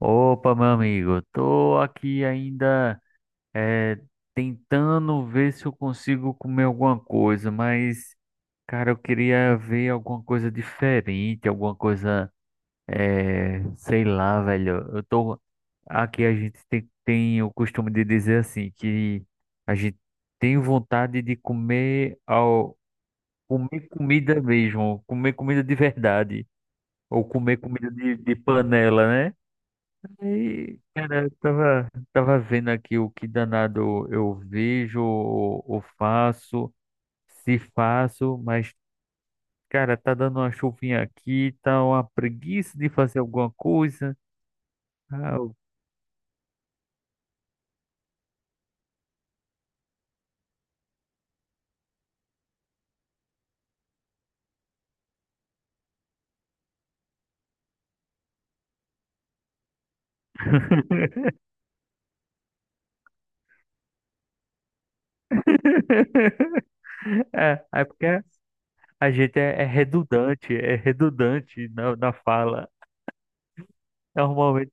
Opa, meu amigo, tô aqui ainda eh, tentando ver se eu consigo comer alguma coisa, mas, cara, eu queria ver alguma coisa diferente, alguma coisa, sei lá, velho. Eu tô. Aqui a gente tem o costume de dizer assim, que a gente tem vontade de comer, comer comida mesmo, comer comida de verdade, ou comer comida de panela, né? E, cara, eu tava vendo aqui o que danado eu vejo, ou faço, se faço, mas, cara, tá dando uma chuvinha aqui, tá uma preguiça de fazer alguma coisa. Ah, eu- É, é porque a gente é redundante, é redundante na fala. Normalmente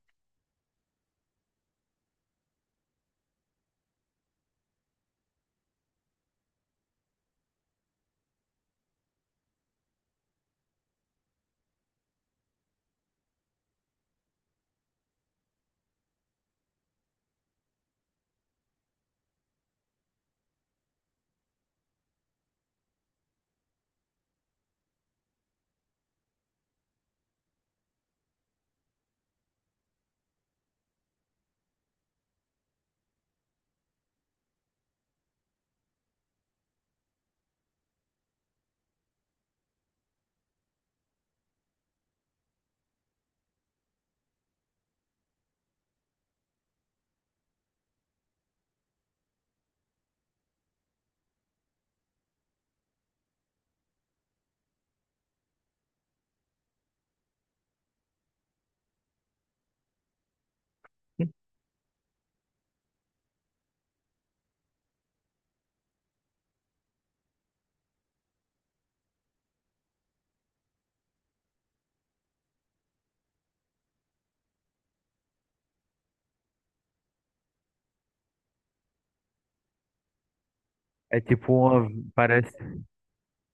é tipo uma, parece.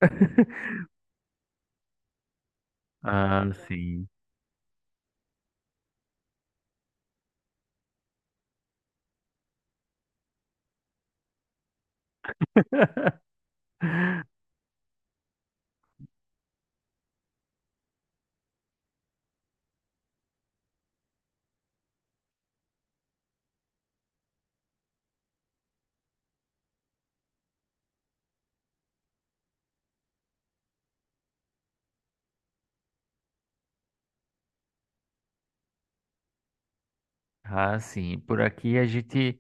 Ah, sim. Ah, sim. Por aqui a gente.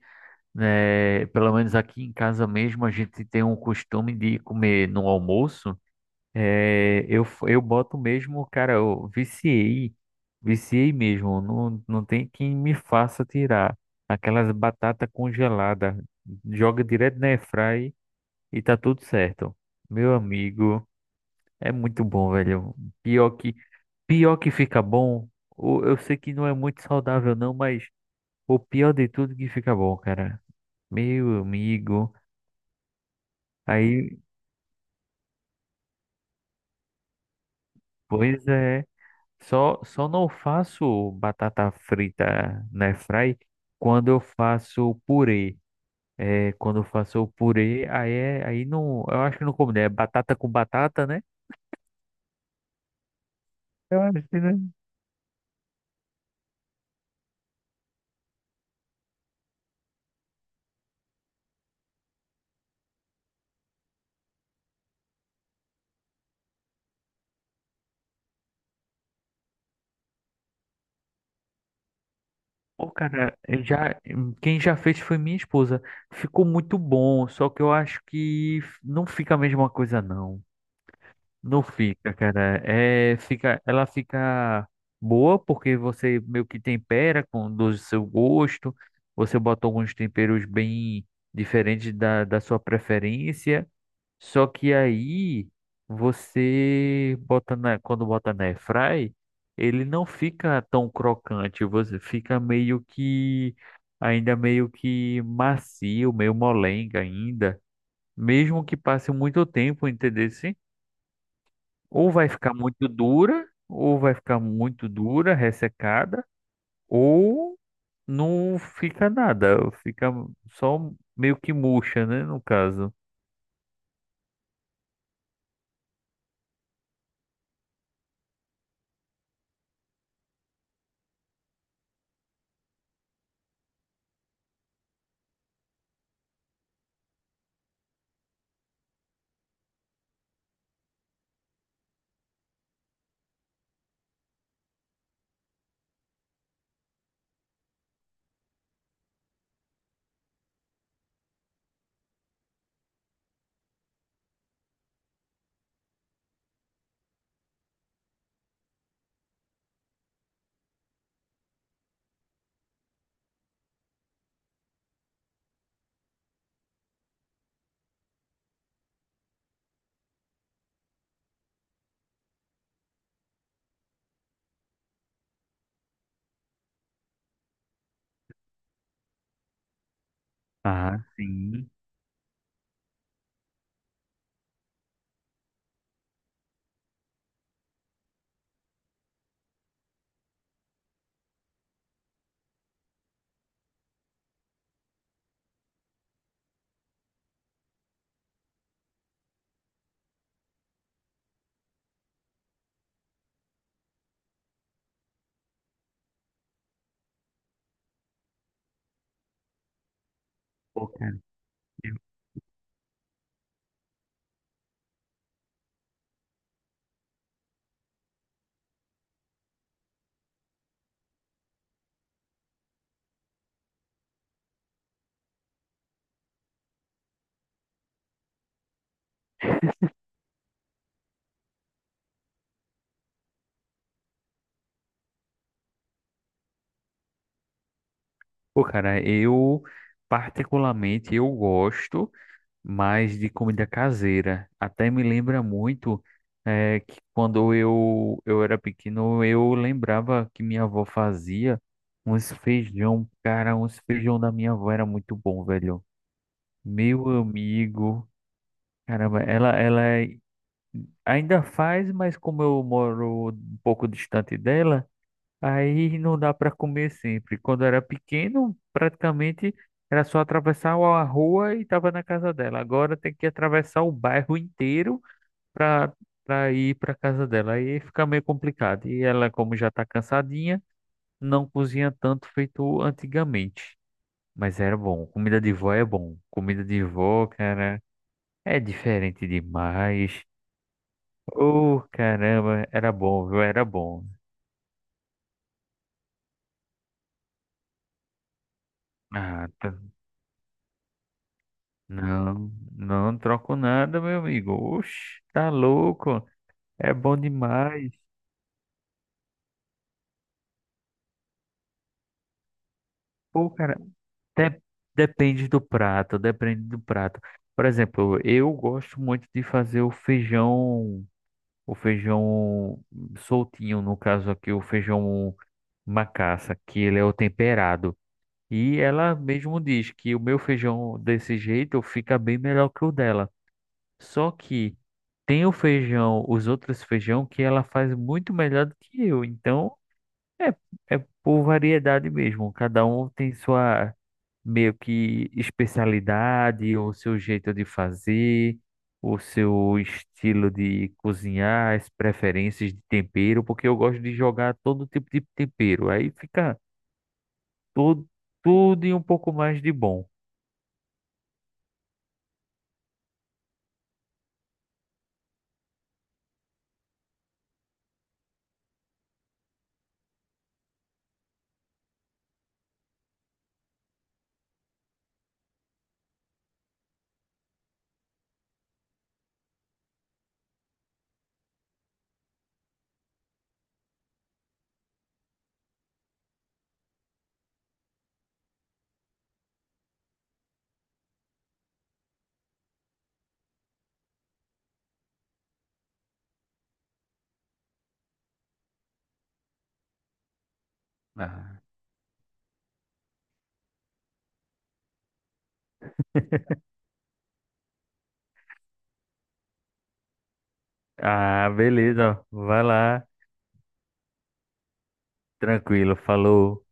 É, pelo menos aqui em casa mesmo, a gente tem um costume de comer no almoço. É, eu, eu boto mesmo, cara, eu viciei, viciei mesmo. Não, não tem quem me faça tirar aquelas batata congelada. Joga direto na airfry e tá tudo certo. Meu amigo, é muito bom, velho. Pior que, pior que fica bom. Eu sei que não é muito saudável, não, mas o pior de tudo é que fica bom, cara. Meu amigo. Aí, pois é, só não faço batata frita na fry quando eu faço purê. É, quando eu faço o purê, aí é, aí não, eu acho que não combina, é batata com batata, né? Eu acho que não. Eu já, quem já fez foi minha esposa. Ficou muito bom, só que eu acho que não fica a mesma coisa, não. Não fica, cara. É, fica, ela fica boa porque você meio que tempera com do seu gosto. Você bota alguns temperos bem diferentes da sua preferência. Só que aí você bota na, quando bota na airfry, ele não fica tão crocante. Você fica meio que ainda meio que macio, meio molenga ainda, mesmo que passe muito tempo, entendeu? Ou vai ficar muito dura, ressecada, ou não fica nada, fica só meio que murcha, né, no caso. Ah, sim. Pô, cara, eu pô, cara, eu, particularmente eu gosto mais de comida caseira. Até me lembra muito é, que quando eu era pequeno, eu lembrava que minha avó fazia uns feijão. Cara, uns feijão da minha avó era muito bom, velho. Meu amigo, caramba, ainda faz, mas como eu moro um pouco distante dela, aí não dá para comer sempre. Quando era pequeno, praticamente era só atravessar a rua e estava na casa dela. Agora tem que atravessar o bairro inteiro para ir para casa dela. Aí fica meio complicado. E ela, como já está cansadinha, não cozinha tanto feito antigamente. Mas era bom. Comida de vó é bom. Comida de vó, cara. É diferente demais. Oh, caramba, era bom, viu? Era bom. Ah, tá- não, não troco nada, meu amigo. Oxe, tá louco? É bom demais. Pô, cara, de- depende do prato, depende do prato. Por exemplo, eu gosto muito de fazer o feijão soltinho, no caso aqui, o feijão macaça, que ele é o temperado. E ela mesmo diz que o meu feijão desse jeito fica bem melhor que o dela. Só que tem o feijão, os outros feijão que ela faz muito melhor do que eu. Então é, é por variedade mesmo. Cada um tem sua meio que especialidade, o seu jeito de fazer, o seu estilo de cozinhar, as preferências de tempero, porque eu gosto de jogar todo tipo de tempero. Aí fica tudo, tudo e um pouco mais de bom. Ah, ah, beleza. Vai lá. Tranquilo. Falou.